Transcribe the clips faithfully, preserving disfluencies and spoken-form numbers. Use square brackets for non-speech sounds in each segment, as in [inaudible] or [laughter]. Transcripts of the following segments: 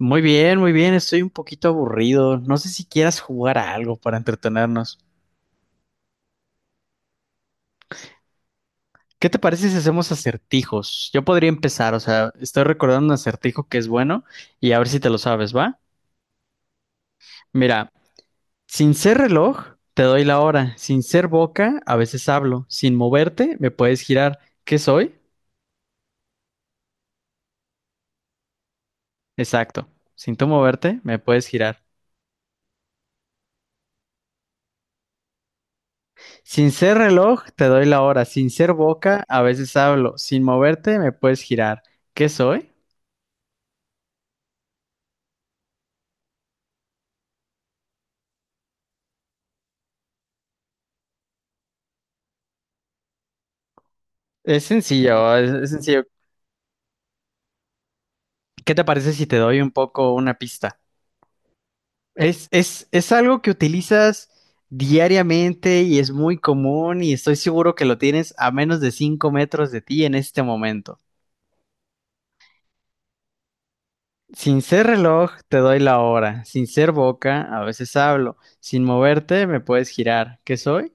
Muy bien, muy bien, estoy un poquito aburrido. No sé si quieras jugar a algo para entretenernos. ¿Qué te parece si hacemos acertijos? Yo podría empezar, o sea, estoy recordando un acertijo que es bueno y a ver si te lo sabes, ¿va? Mira, sin ser reloj, te doy la hora. Sin ser boca, a veces hablo. Sin moverte, me puedes girar. ¿Qué soy? Exacto. Sin tú moverte, me puedes girar. Sin ser reloj, te doy la hora. Sin ser boca, a veces hablo. Sin moverte, me puedes girar. ¿Qué soy? Es sencillo, es, es sencillo. ¿Qué te parece si te doy un poco una pista? Es, es, es algo que utilizas diariamente y es muy común y estoy seguro que lo tienes a menos de cinco metros de ti en este momento. Sin ser reloj, te doy la hora. Sin ser boca, a veces hablo. Sin moverte, me puedes girar. ¿Qué soy?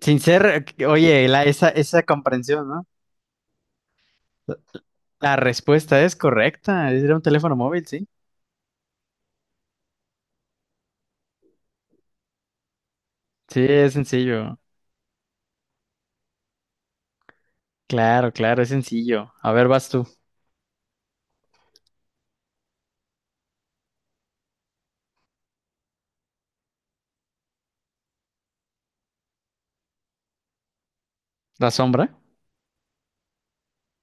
Sin ser, oye, la, esa, esa comprensión, ¿no? La respuesta es correcta. Era un teléfono móvil, sí. Sí, es sencillo. Claro, claro, es sencillo. A ver, vas tú. La sombra.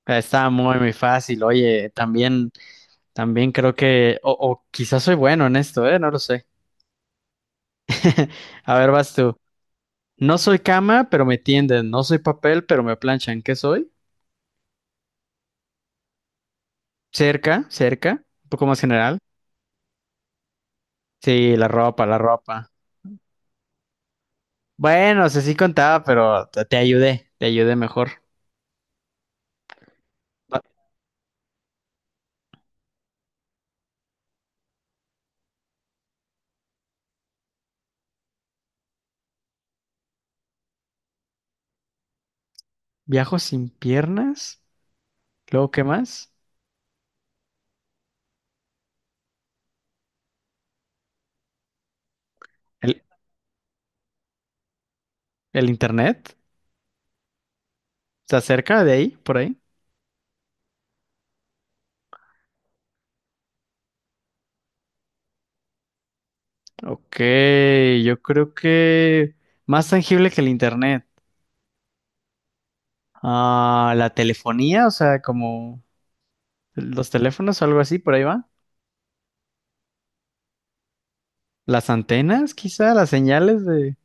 Está muy, muy fácil. Oye, también, también creo que, o, o quizás soy bueno en esto, ¿eh? No lo sé. [laughs] A ver, vas tú. No soy cama, pero me tienden. No soy papel, pero me planchan. ¿Qué soy? Cerca, cerca. Un poco más general. Sí, la ropa, la ropa. Bueno, o sea, sí contaba, pero te, te ayudé, te ayudé mejor. Va- Viajo sin piernas. Luego, ¿qué más? ¿El, el internet? ¿Está cerca de ahí, por ahí? Ok, yo creo que más tangible que el internet. Ah, la telefonía, o sea, como los teléfonos o algo así, por ahí va. Las antenas, quizá, las señales de...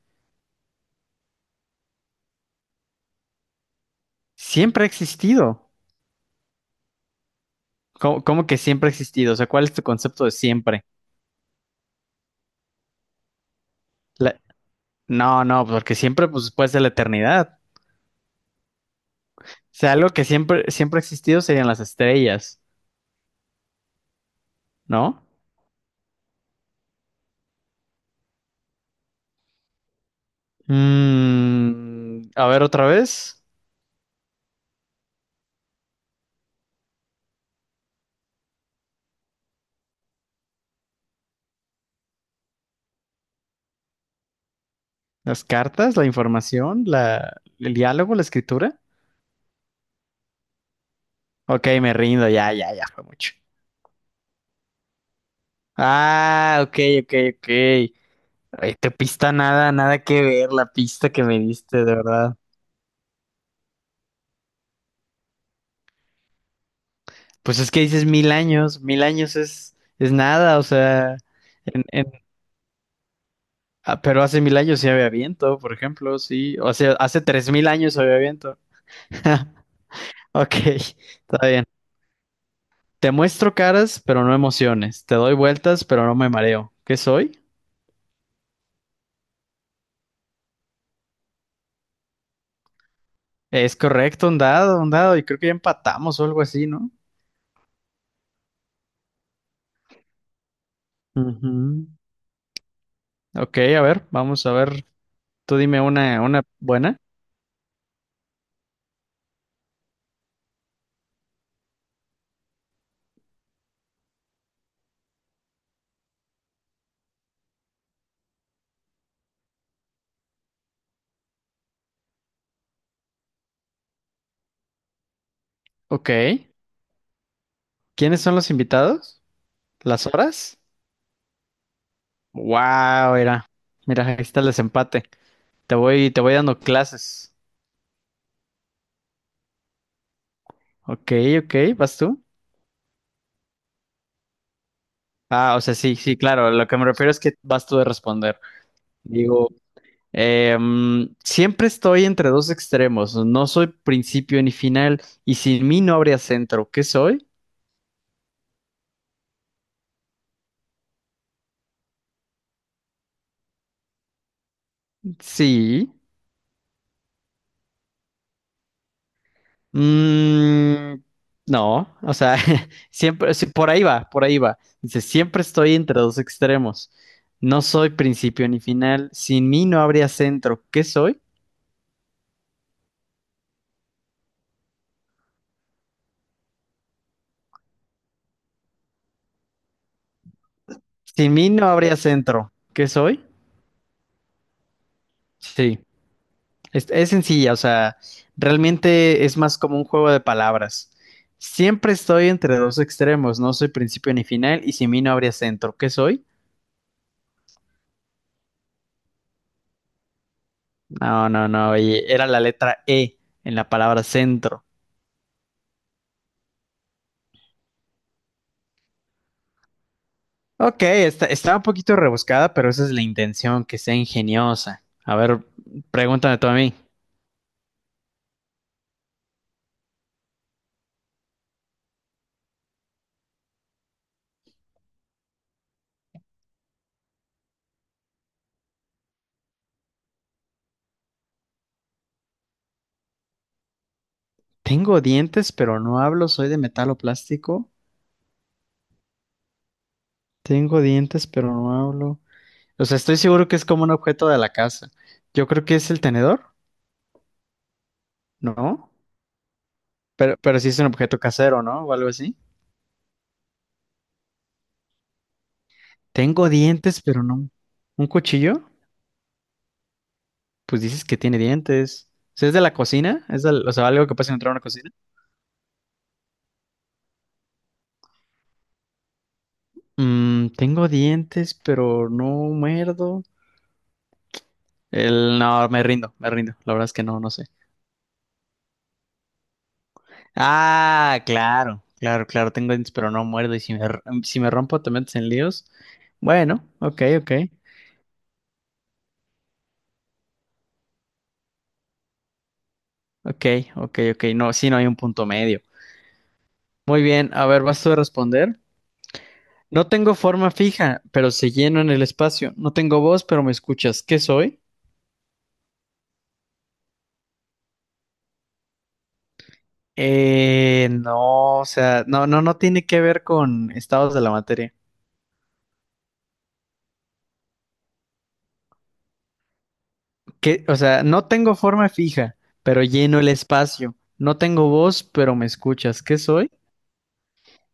Siempre ha existido. ¿Cómo, cómo que siempre ha existido? O sea, ¿cuál es tu concepto de siempre? La- No, no, porque siempre, pues, puede ser la eternidad. O sea, algo que siempre, siempre ha existido serían las estrellas, ¿no? Mm, a ver otra vez. Las cartas, la información, la, el diálogo, la escritura. Ok, me rindo, ya, ya, ya fue mucho. Ah, ok, ok, ok. Ay, tu pista nada, nada que ver, la pista que me diste, de verdad. Pues es que dices mil años, mil años es, es nada, o sea, en, en- ah, pero hace mil años sí había viento, por ejemplo, sí. O sea, hace tres mil años había viento. [laughs] Ok, está bien. Te muestro caras, pero no emociones. Te doy vueltas, pero no me mareo. ¿Qué soy? Es correcto, un dado, un dado. Y creo que ya empatamos o algo así, ¿no? Ujú. Ok, a ver, vamos a ver. Tú dime una, una buena. Ok. ¿Quiénes son los invitados? ¿Las horas? Wow, mira. Mira, ahí está el desempate. Te voy, te voy dando clases. Ok, ok, ¿vas tú? Ah, o sea, sí, sí, claro. Lo que me refiero es que vas tú de responder. Digo, eh, mm, siempre estoy entre dos extremos. No soy principio ni final. Y sin mí no habría centro. ¿Qué soy? Sí. Mm, no, o sea, [laughs] siempre, sí, por ahí va, por ahí va. Dice, siempre estoy entre dos extremos. No soy principio ni final. Sin mí no habría centro. ¿Qué soy? Sin mí no habría centro. ¿Qué soy? Sí, es, es sencilla, o sea, realmente es más como un juego de palabras. Siempre estoy entre dos extremos, no soy principio ni final, y sin mí no habría centro. ¿Qué soy? No, no, no, oye, era la letra E en la palabra centro. Ok, está, está un poquito rebuscada, pero esa es la intención, que sea ingeniosa. A ver, pregúntame tú a mí. Tengo dientes, pero no hablo. ¿Soy de metal o plástico? Tengo dientes, pero no hablo. O sea, estoy seguro que es como un objeto de la casa. Yo creo que es el tenedor, ¿no? Pero, pero sí es un objeto casero, ¿no? O algo así. Tengo dientes, pero no. ¿Un cuchillo? Pues dices que tiene dientes. O sea, ¿es de la cocina? ¿Es del- o sea, algo que pasa dentro de una cocina? Mm, tengo dientes, pero no muerdo. El, no, me rindo, me rindo. La verdad es que no, no sé. Ah, claro, claro, claro. Tengo dientes, pero no muerdo. Y si me, r- si me rompo, te metes en líos. Bueno, ok, ok. Ok, ok, ok. No, sí, no hay un punto medio. Muy bien, a ver, vas tú a responder. No tengo forma fija, pero se lleno en el espacio. No tengo voz, pero me escuchas. ¿Qué soy? Eh, no, o sea, no, no, no tiene que ver con estados de la materia. Que, o sea, no tengo forma fija, pero lleno el espacio. No tengo voz, pero me escuchas. ¿Qué soy?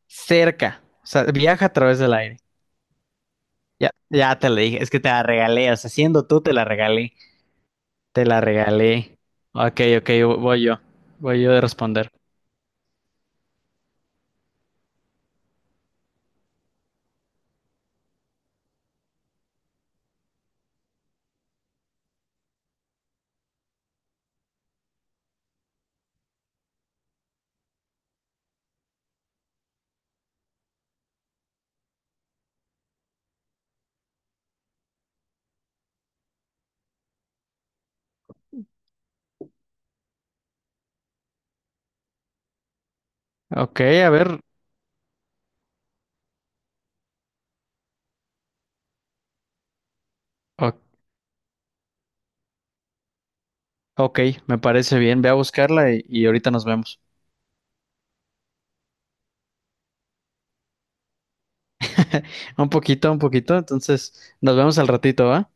Cerca. O sea, viaja a través del aire. Ya, ya te la dije. Es que te la regalé. O sea, siendo tú, te la regalé. Te la regalé. Ok, ok, voy yo. Voy yo de responder. Ok, a ver. o- ok, me parece bien. Ve a buscarla y, y ahorita nos vemos. [laughs] Un poquito, un poquito. Entonces, nos vemos al ratito, ¿va?